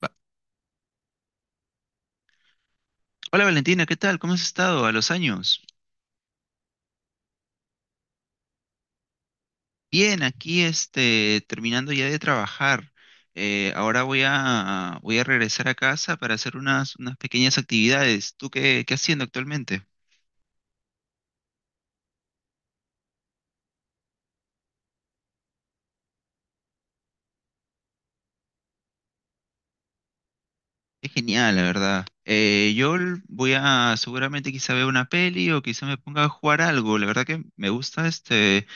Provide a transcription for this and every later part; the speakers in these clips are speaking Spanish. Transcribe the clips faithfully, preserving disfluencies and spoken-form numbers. Va- Hola Valentina, ¿qué tal? ¿Cómo has estado a los años? Bien, aquí este, terminando ya de trabajar. Eh, ahora voy a, voy a regresar a casa para hacer unas, unas pequeñas actividades. ¿Tú qué, qué haciendo actualmente? Es genial, la verdad. Eh, yo l- voy a seguramente quizá vea una peli o quizá me ponga a jugar algo. La verdad que me gusta este,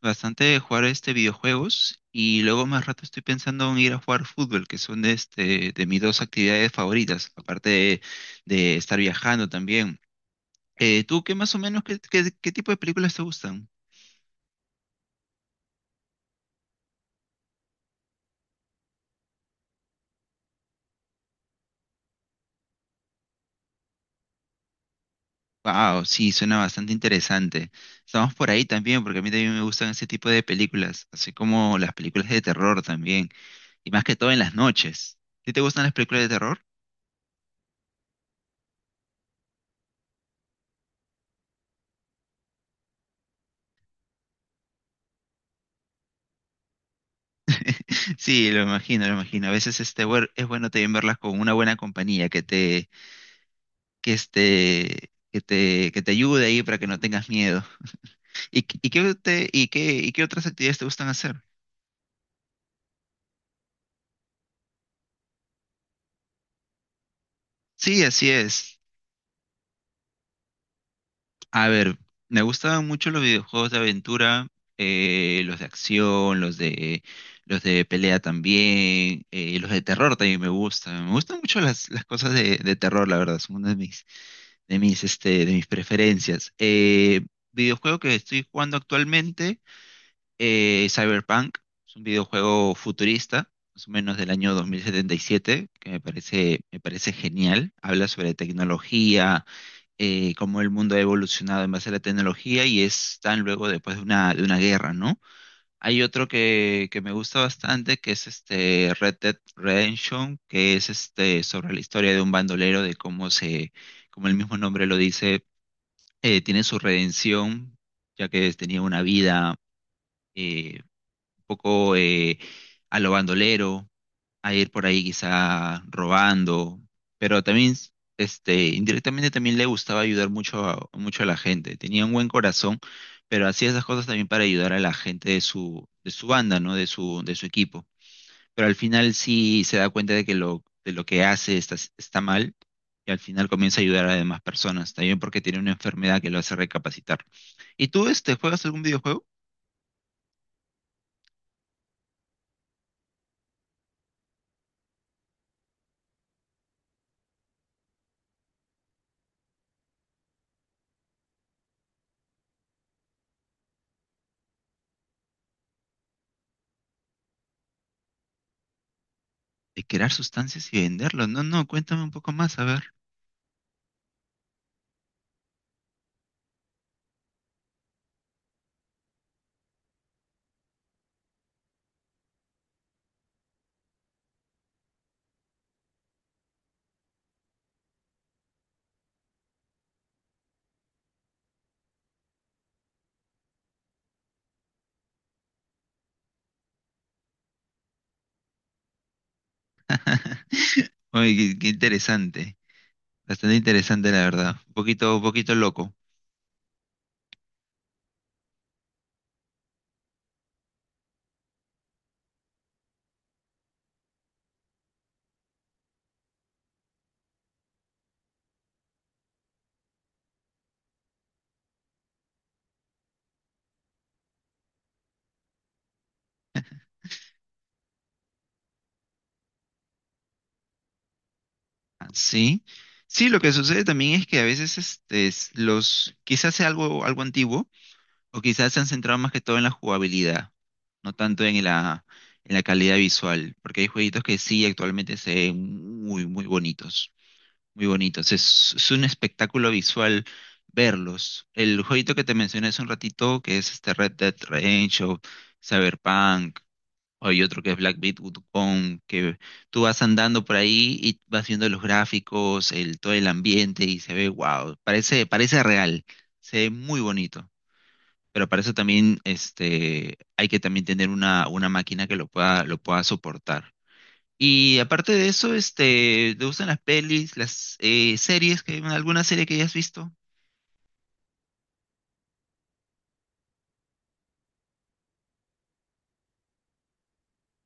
bastante de jugar este videojuegos y luego más rato estoy pensando en ir a jugar fútbol, que son de, este, de mis dos actividades favoritas, aparte de, de estar viajando también. Eh, ¿tú qué más o menos, qué, qué- qué tipo de películas te gustan? Wow, sí, suena bastante interesante. Estamos por ahí también, porque a mí también me gustan ese tipo de películas, así como las películas de terror también, y más que todo en las noches. ¿Sí te gustan las películas de terror? Sí, lo imagino, lo imagino. A veces este, bueno, es bueno también verlas con una buena compañía que te, que este, que te, que te ayude ahí para que no tengas miedo. ¿Y, qué- y qué te- y qué, y qué otras actividades te gustan hacer? Sí, así es. A ver, me gustaban mucho los videojuegos de aventura, eh, los de acción, los de, los de pelea también, eh, los de terror también me gustan. Me gustan mucho las, las cosas de, de terror, la verdad, son una de mis, de mis, este, de mis preferencias. Eh, videojuego que estoy jugando actualmente. Eh, Cyberpunk, es un videojuego futurista, más o menos del año dos mil setenta y siete, que me parece, me parece genial. Habla sobre tecnología, eh, cómo el mundo ha evolucionado en base a la tecnología y es tan luego después de una, de una guerra, ¿no? Hay otro que, que me gusta bastante, que es este Red Dead Redemption, que es este sobre la historia de un bandolero, de cómo se, como el mismo nombre lo dice, eh, tiene su redención, ya que tenía una vida eh, poco eh, a lo bandolero, a ir por ahí quizá robando, pero también, este, indirectamente también le gustaba ayudar mucho a, mucho a la gente. Tenía un buen corazón, pero hacía esas cosas también para ayudar a la gente de su, de su banda, ¿no? De su, de su equipo. Pero al final sí se da cuenta de que lo, de lo que hace está, está mal y al final comienza a ayudar a demás personas, también porque tiene una enfermedad que lo hace recapacitar. ¿Y tú, este, juegas algún videojuego? De crear sustancias y venderlos. No, no, cuéntame un poco más, a ver. Oye, qué, qué interesante. Bastante interesante, la verdad. Un poquito, un poquito loco. Ah, sí. Sí, lo que sucede también es que a veces este, es- los, quizás sea algo, algo antiguo, o quizás se han centrado más que todo en la jugabilidad, no tanto en la, en la calidad visual, porque hay jueguitos que sí actualmente se ven muy, muy bonitos. Muy bonitos. Es, es un espectáculo visual verlos. El jueguito que te mencioné hace un ratito, que es este Red Dead Redemption, Cyberpunk, hay otro que es Black Myth Wukong, que tú vas andando por ahí y vas viendo los gráficos, el, todo el ambiente y se ve wow, parece, parece real, se ve muy bonito. Pero para eso también este, hay que también tener una, una máquina que lo pueda, lo pueda soportar. Y aparte de eso, este, ¿te gustan las pelis, las eh, series? Que, ¿alguna serie que hayas visto?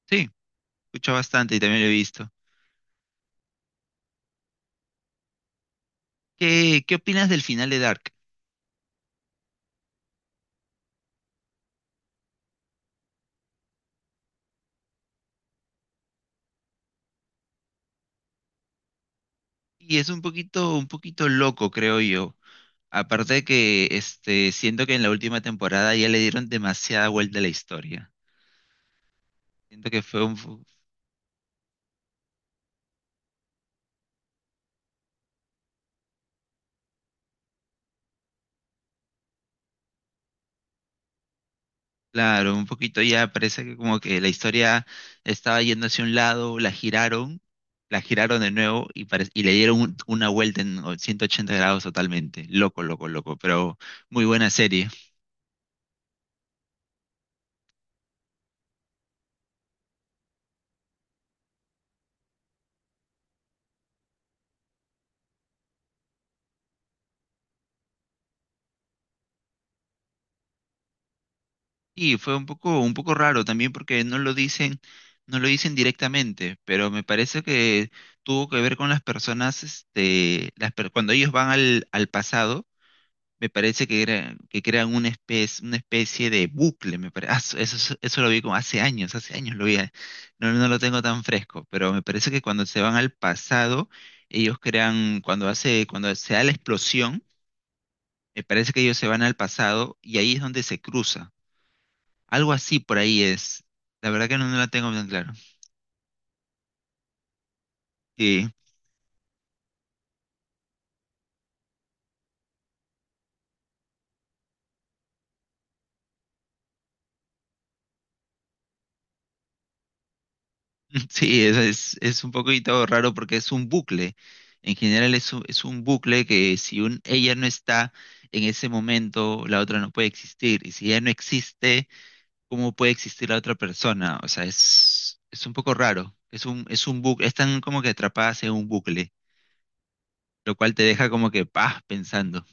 Sí, escucho bastante y también lo he visto. ¿Qué, qué opinas del final de Dark? Y es un poquito, un poquito loco, creo yo. Aparte de que este, siento que en la última temporada ya le dieron demasiada vuelta a la historia. Siento que fue un, claro, un poquito ya parece que como que la historia estaba yendo hacia un lado, la giraron, la giraron de nuevo y, pare- y le dieron un- una vuelta en o- ciento ochenta grados totalmente. Loco, loco, loco, pero muy buena serie. Y fue un poco, un poco raro también porque no lo dicen, no lo dicen directamente, pero me parece que tuvo que ver con las personas, este, las per- cuando ellos van al, al pasado me parece que, era, que crean una especie, una especie de bucle, me parece. eso, eso- eso lo vi como hace años, hace años lo vi, eh. No, no lo tengo tan fresco, pero me parece que cuando se van al pasado, ellos crean, cuando hace, cuando se da la explosión, me parece que ellos se van al pasado y ahí es donde se cruza. Algo así por ahí es. La verdad que no, no la tengo tan claro. Sí. Sí, es, es, es un poquito raro porque es un bucle. En general es un, es un bucle que si un, ella no está en ese momento, la otra no puede existir. Y si ella no existe, ¿cómo puede existir la otra persona? O sea, es, es un poco raro. Es un, es un bucle, están como que atrapadas en un bucle, lo cual te deja como que, paz pensando.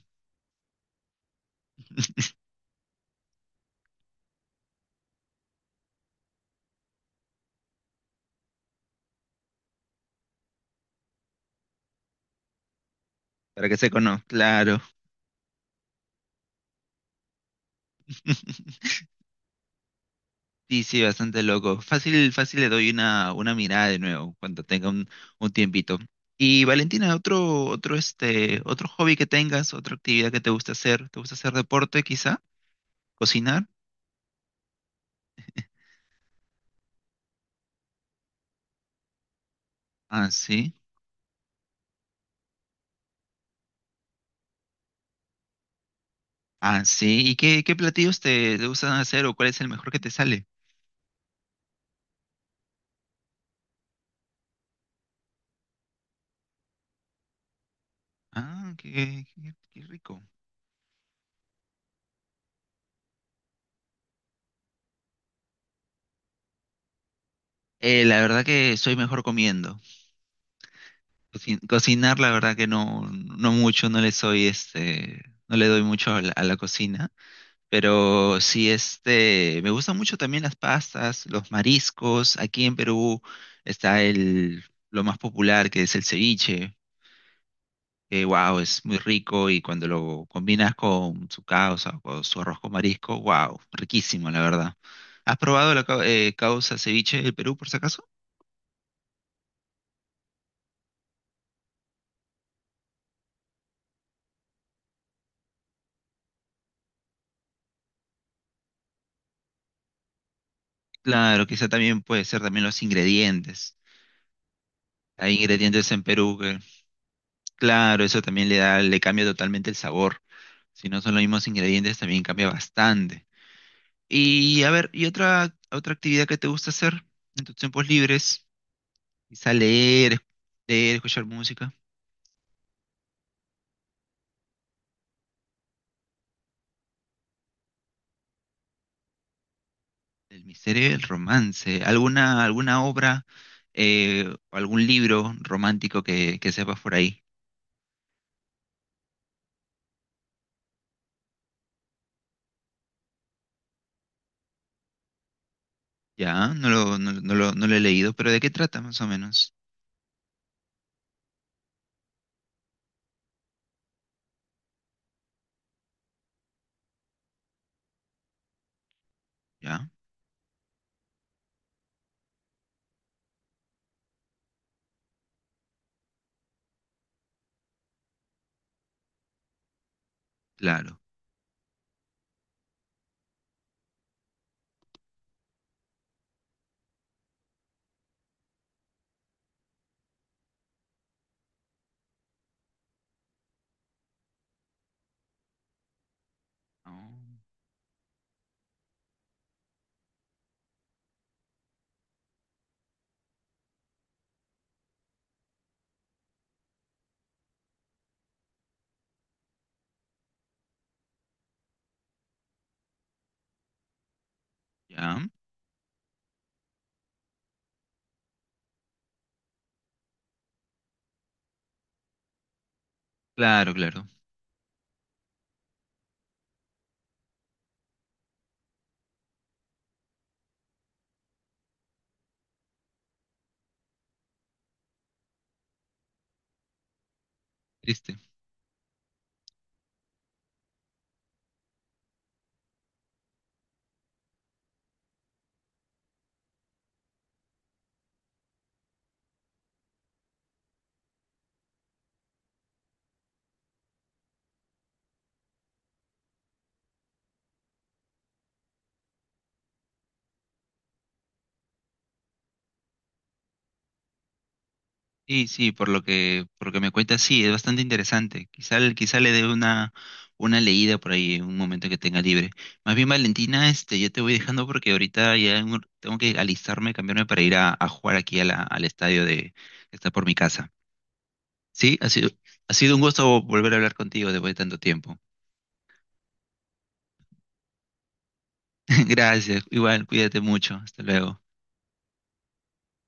¿Para qué se conoce? Claro. Sí, sí, bastante loco. Fácil, fácil le doy una, una mirada de nuevo cuando tenga un, un tiempito. Y Valentina, otro, otro, este, otro hobby que tengas, otra actividad que te gusta hacer, ¿te gusta hacer deporte quizá? ¿Cocinar? Ah, sí. Ah, sí. ¿Y qué, qué platillos te, te gustan hacer o cuál es el mejor que te sale? Ah, qué, qué, qué rico. Eh, la verdad que soy mejor comiendo. Cocin- cocinar, la verdad que no, no mucho, no le soy, este, no le doy mucho a la a la cocina. Pero sí, este, me gustan mucho también las pastas, los mariscos. Aquí en Perú está el, lo más popular, que es el ceviche, que wow, es muy rico y cuando lo combinas con su causa o su arroz con marisco, wow, riquísimo, la verdad. ¿Has probado la cau- eh, causa ceviche del Perú, por si acaso? Claro, quizá también puede ser también los ingredientes. Hay ingredientes en Perú que, claro, eso también le da, le cambia totalmente el sabor. Si no son los mismos ingredientes, también cambia bastante. Y a ver, ¿y otra, otra actividad que te gusta hacer en tus tiempos libres? Quizá leer, leer, escuchar música, el misterio y el romance. ¿Alguna, alguna obra eh, o algún libro romántico que, que sepas por ahí? Ya, no lo, no, no lo, no lo he leído, pero ¿de qué trata más o menos? Ya, claro. Oh, ya, claro, claro. Triste. Sí, sí, por lo que, por lo que me cuentas, sí, es bastante interesante. Quizá, le- quizá le dé una, una leída por ahí en un momento que tenga libre. Más bien, Valentina, este, yo te voy dejando porque ahorita ya en un- tengo que alistarme, cambiarme para ir a, a jugar aquí a la- al estadio de, que está por mi casa. Sí, ha sido, ha sido un gusto volver a hablar contigo después de tanto tiempo. Gracias, igual, cuídate mucho, hasta luego.